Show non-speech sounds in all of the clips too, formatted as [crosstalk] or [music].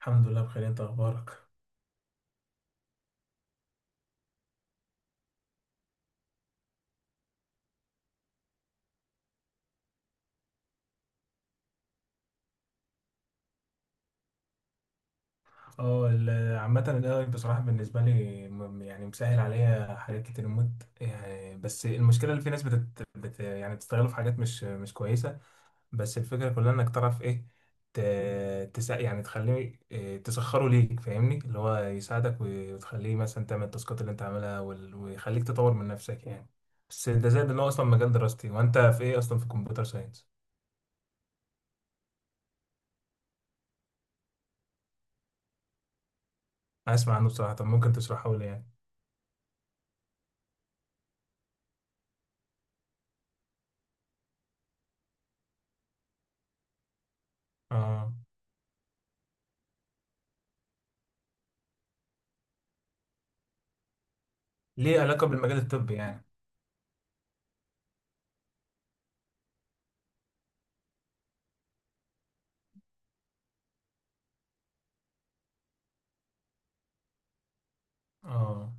الحمد لله بخير، انت اخبارك؟ عامة الاي بصراحة بالنسبة لي يعني مسهل عليا حاجات كتير موت. يعني بس المشكلة اللي في ناس بتت بت يعني بتستغله في حاجات مش كويسة. بس الفكرة كلها انك تعرف ايه، ت... تس يعني تخليه تسخره ليك، فاهمني، اللي هو يساعدك وتخليه مثلا تعمل التاسكات اللي انت عاملها ويخليك تطور من نفسك يعني. بس ده زائد ان هو اصلا مجال دراستي، وانت في ايه اصلا؟ في كمبيوتر ساينس. اسمع عنه بصراحة، طب ممكن تشرحه لي يعني؟ اه. ليه علاقة بالمجال الطبي يعني؟ اه.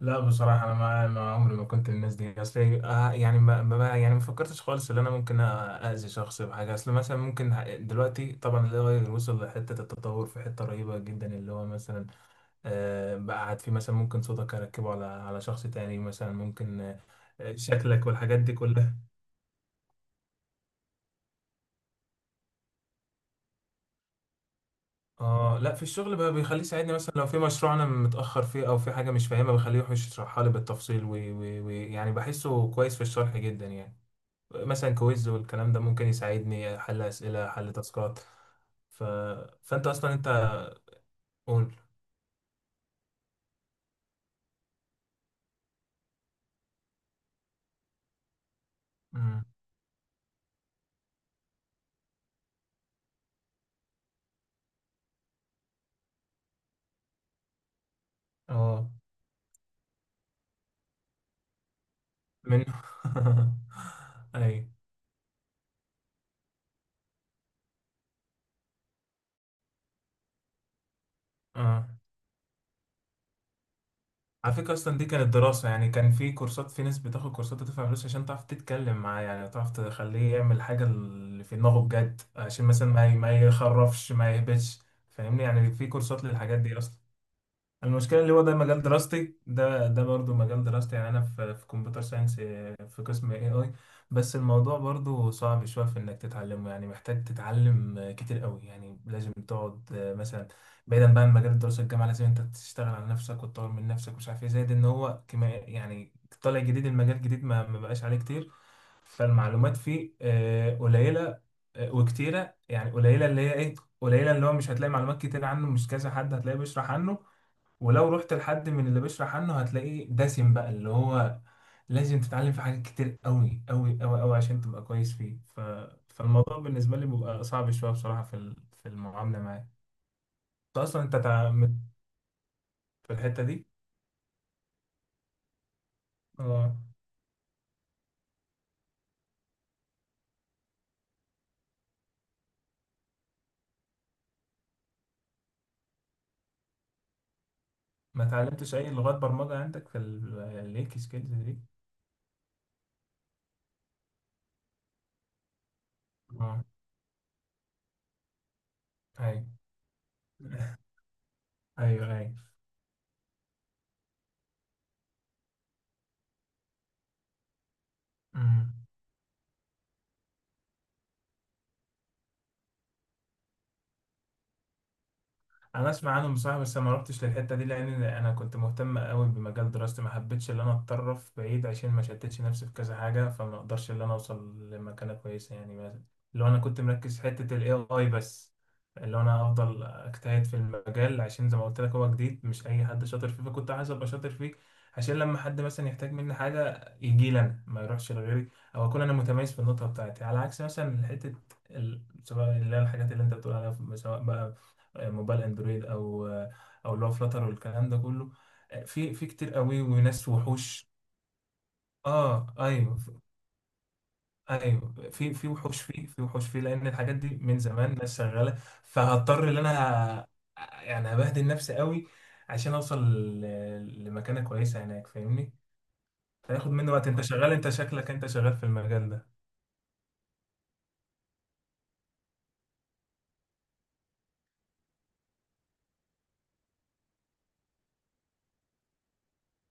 لا بصراحة أنا ما عمري ما كنت من الناس دي، أصل ما فكرتش خالص إن أنا ممكن أأذي شخص بحاجة. أصل مثلا ممكن دلوقتي طبعا ال AI وصل لحتة التطور في حتة رهيبة جدا، اللي هو مثلا آه بقى قاعد فيه، مثلا ممكن صوتك أركبه على على شخص تاني، مثلا ممكن آه، شكلك والحاجات دي كلها. اه لا في الشغل بقى بيخليه يساعدني، مثلا لو في مشروع انا متاخر فيه او في حاجه مش فاهمها بخليه يخش يشرحها لي بالتفصيل، ويعني بحسه كويس في الشرح جدا يعني. مثلا كويز والكلام ده ممكن يساعدني حل اسئله، حل تاسكات. ف... فانت اصلا انت قول. مم. اه من. [laughs] اي. اه على فكرة أصلا دي كانت دراسة، يعني كان في كورسات، في ناس بتاخد كورسات وتدفع فلوس عشان تعرف تتكلم معاه، يعني تعرف تخليه يعمل حاجة اللي في دماغه بجد، عشان مثلا ما يخرفش ما يهبطش. فاهمني، يعني في كورسات للحاجات دي أصلا. المشكلة اللي هو ده مجال دراستي، ده برضو مجال دراستي، يعني أنا في في كمبيوتر ساينس، في قسم اي اي. بس الموضوع برضو صعب شوية في إنك تتعلمه، يعني محتاج تتعلم كتير قوي، يعني لازم تقعد آه، مثلا بعيدا بقى عن مجال الدراسة الجامعة، لازم أنت تشتغل على نفسك وتطور من نفسك ومش عارف إيه، زائد إن هو كما يعني طالع جديد، المجال جديد ما بقاش عليه كتير. فالمعلومات فيه آه، قليلة آه، وكتيرة، يعني قليلة اللي هي إيه، قليلة اللي هو مش هتلاقي معلومات كتير عنه، مش كذا حد هتلاقيه بيشرح عنه، ولو رحت لحد من اللي بيشرح عنه هتلاقيه دسم، بقى اللي هو لازم تتعلم في حاجات كتير قوي عشان تبقى كويس فيه. فالموضوع بالنسبة لي بيبقى صعب شوية بصراحة في في المعاملة معاه. انت اصلا انت تع... مت- في الحتة دي. اه ما اتعلمتش اي لغات برمجة عندك في الليك سكيلز دي؟ اه ايوه. [laughs] ايوه ايوه. مم. انا اسمع عنهم بصراحه، بس انا ما رحتش للحته دي لان انا كنت مهتم قوي بمجال دراستي، ما حبيتش ان انا اتطرف بعيد عشان ما شتتش نفسي في كذا حاجه، فما اقدرش ان انا اوصل لمكانه كويسه يعني. مثلا لو انا كنت مركز في حته الاي اي بس، اللي هو انا افضل اجتهد في المجال عشان زي ما قلت لك هو جديد، مش اي حد شاطر فيه، فكنت عايز ابقى شاطر فيه عشان لما حد مثلا يحتاج مني حاجه يجي لي انا ما يروحش لغيري. او اكون انا متميز في النقطه بتاعتي على عكس مثلا حته سواء اللي هي الحاجات اللي انت بتقول عليها، سواء بقى موبايل اندرويد او او اللي هو فلاتر والكلام ده كله، في في كتير قوي وناس وحوش. اه ايوه. ايوه في في وحوش فيه، في وحوش فيه لان الحاجات دي من زمان ناس شغاله. فهضطر ان انا يعني هبهدل نفسي قوي عشان اوصل لمكانه كويسه هناك، فاهمني. فياخد مني وقت، انت شغال، انت شكلك انت شغال في المجال ده.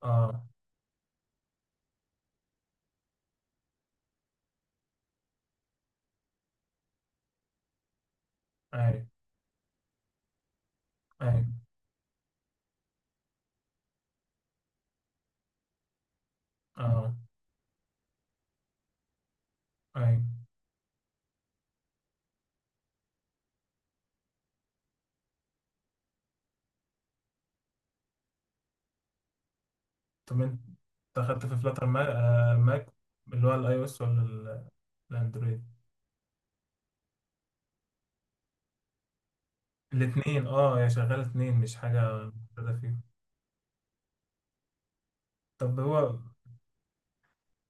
اه ايوه ايوه. اه ايوه. طب انت اخدت في فلاتر ماك، ماك اللي هو الاي او اس ولا الاندرويد؟ الاثنين؟ اه هي شغاله اثنين مش حاجه مفردة فيهم. طب هو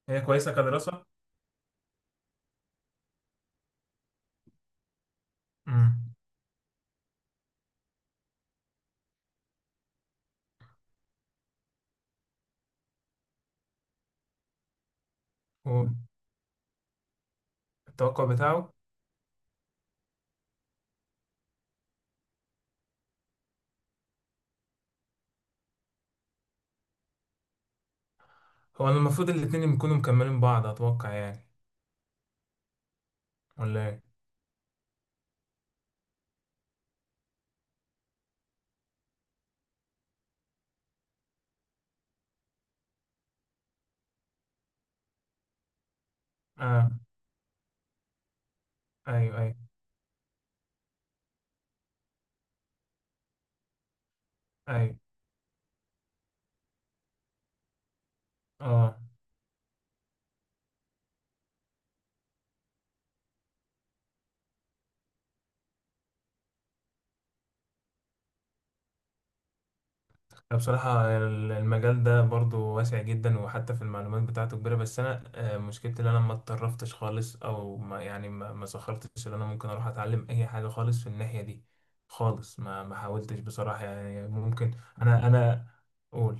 هي كويسه كدراسه. امم. هو التوقع بتاعه، هو أنا المفروض الاثنين يكونوا مكملين بعض اتوقع يعني، ولا ايه؟ اه ايوه ايوه ايوه. اه أنا بصراحة المجال ده برضو واسع جدا وحتى في المعلومات بتاعته كبيرة، بس أنا آه، مشكلتي إن أنا ما اتطرفتش خالص، أو ما سخرتش إن أنا ممكن أروح أتعلم أي حاجة خالص في الناحية دي خالص. ما حاولتش بصراحة، يعني ممكن. أنا قول.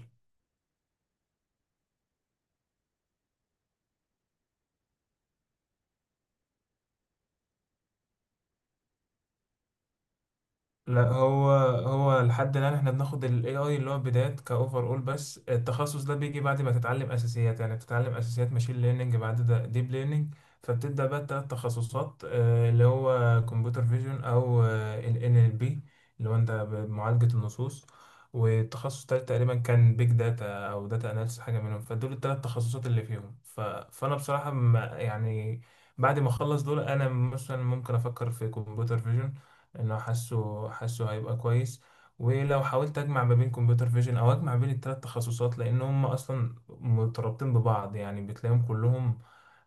لا هو لحد الآن احنا بناخد ال AI اللي هو بدايات كأوفر أول، بس التخصص ده بيجي بعد ما تتعلم أساسيات، يعني بتتعلم أساسيات ماشين ليرنينج، بعد ده ديب ليرنينج، فبتبدأ بقى التلات تخصصات آه، اللي هو كمبيوتر فيجن أو آه، ال NLP اللي هو أنت بمعالجة النصوص، والتخصص التالت تقريبا كان بيج داتا أو داتا أناليسيس، حاجة منهم. فدول التلات تخصصات اللي فيهم. فأنا بصراحة يعني بعد ما اخلص دول انا مثلا ممكن افكر في كمبيوتر فيجن، انه حاسه حاسه هيبقى كويس، ولو حاولت اجمع ما بين كمبيوتر فيجن او اجمع بين الثلاث تخصصات لان هم اصلا مترابطين ببعض، يعني بتلاقيهم كلهم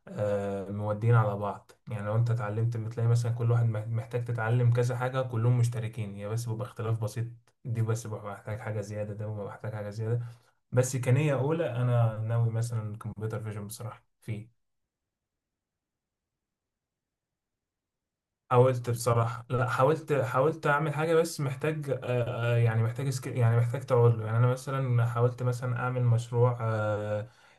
آه، مودين على بعض، يعني لو انت اتعلمت بتلاقي مثلا كل واحد محتاج تتعلم كذا حاجة، كلهم مشتركين، هي بس بيبقى اختلاف بسيط. دي بس ببقى محتاج حاجة زيادة، ده ببقى محتاج حاجة زيادة. بس كنية أولى أنا ناوي مثلا كمبيوتر فيجن بصراحة فيه. حاولت بصراحة، لا حاولت أعمل حاجة، بس محتاج آه، آه، يعني محتاج يعني محتاج تعود له، يعني أنا مثلا حاولت مثلا أعمل مشروع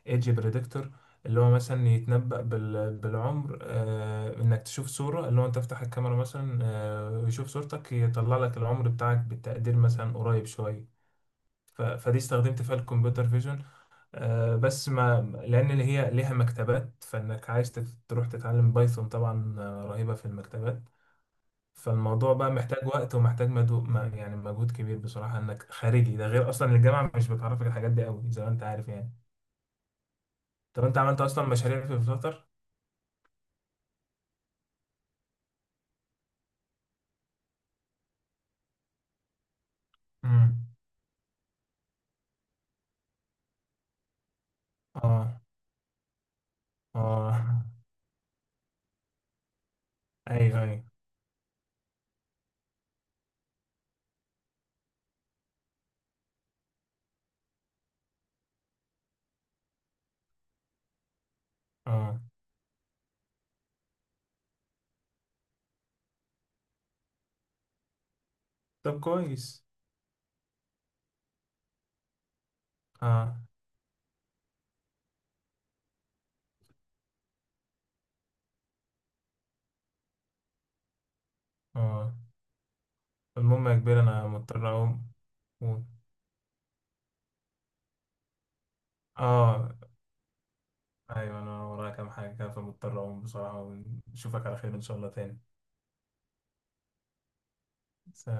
ايدج بريدكتور اللي هو مثلا يتنبأ بالعمر آه، إنك تشوف صورة، اللي هو أنت تفتح الكاميرا مثلا آه، ويشوف صورتك يطلع لك العمر بتاعك بالتقدير مثلا قريب شوية. فدي استخدمت فيها الكمبيوتر فيجن آه، بس ما، لأن اللي هي ليها مكتبات، فإنك عايز تروح تتعلم بايثون طبعا آه، رهيبة في المكتبات. فالموضوع بقى محتاج وقت ومحتاج مدو... ما- يعني مجهود كبير بصراحة انك خارجي، ده غير اصلا الجامعة مش بتعرفك الحاجات دي قوي زي ما انت عارف يعني. طب انت عملت اصلا مشاريع في الفترة؟ امم. اه اه. ايوه ايوه. اه. طب كويس. اه اه. المهم يا كبير انا مضطر اقوم و- اه ايوه انا ورايا كام حاجة كده فمضطر اقوم بصراحة، ونشوفك على خير ان شاء الله تاني. سلام.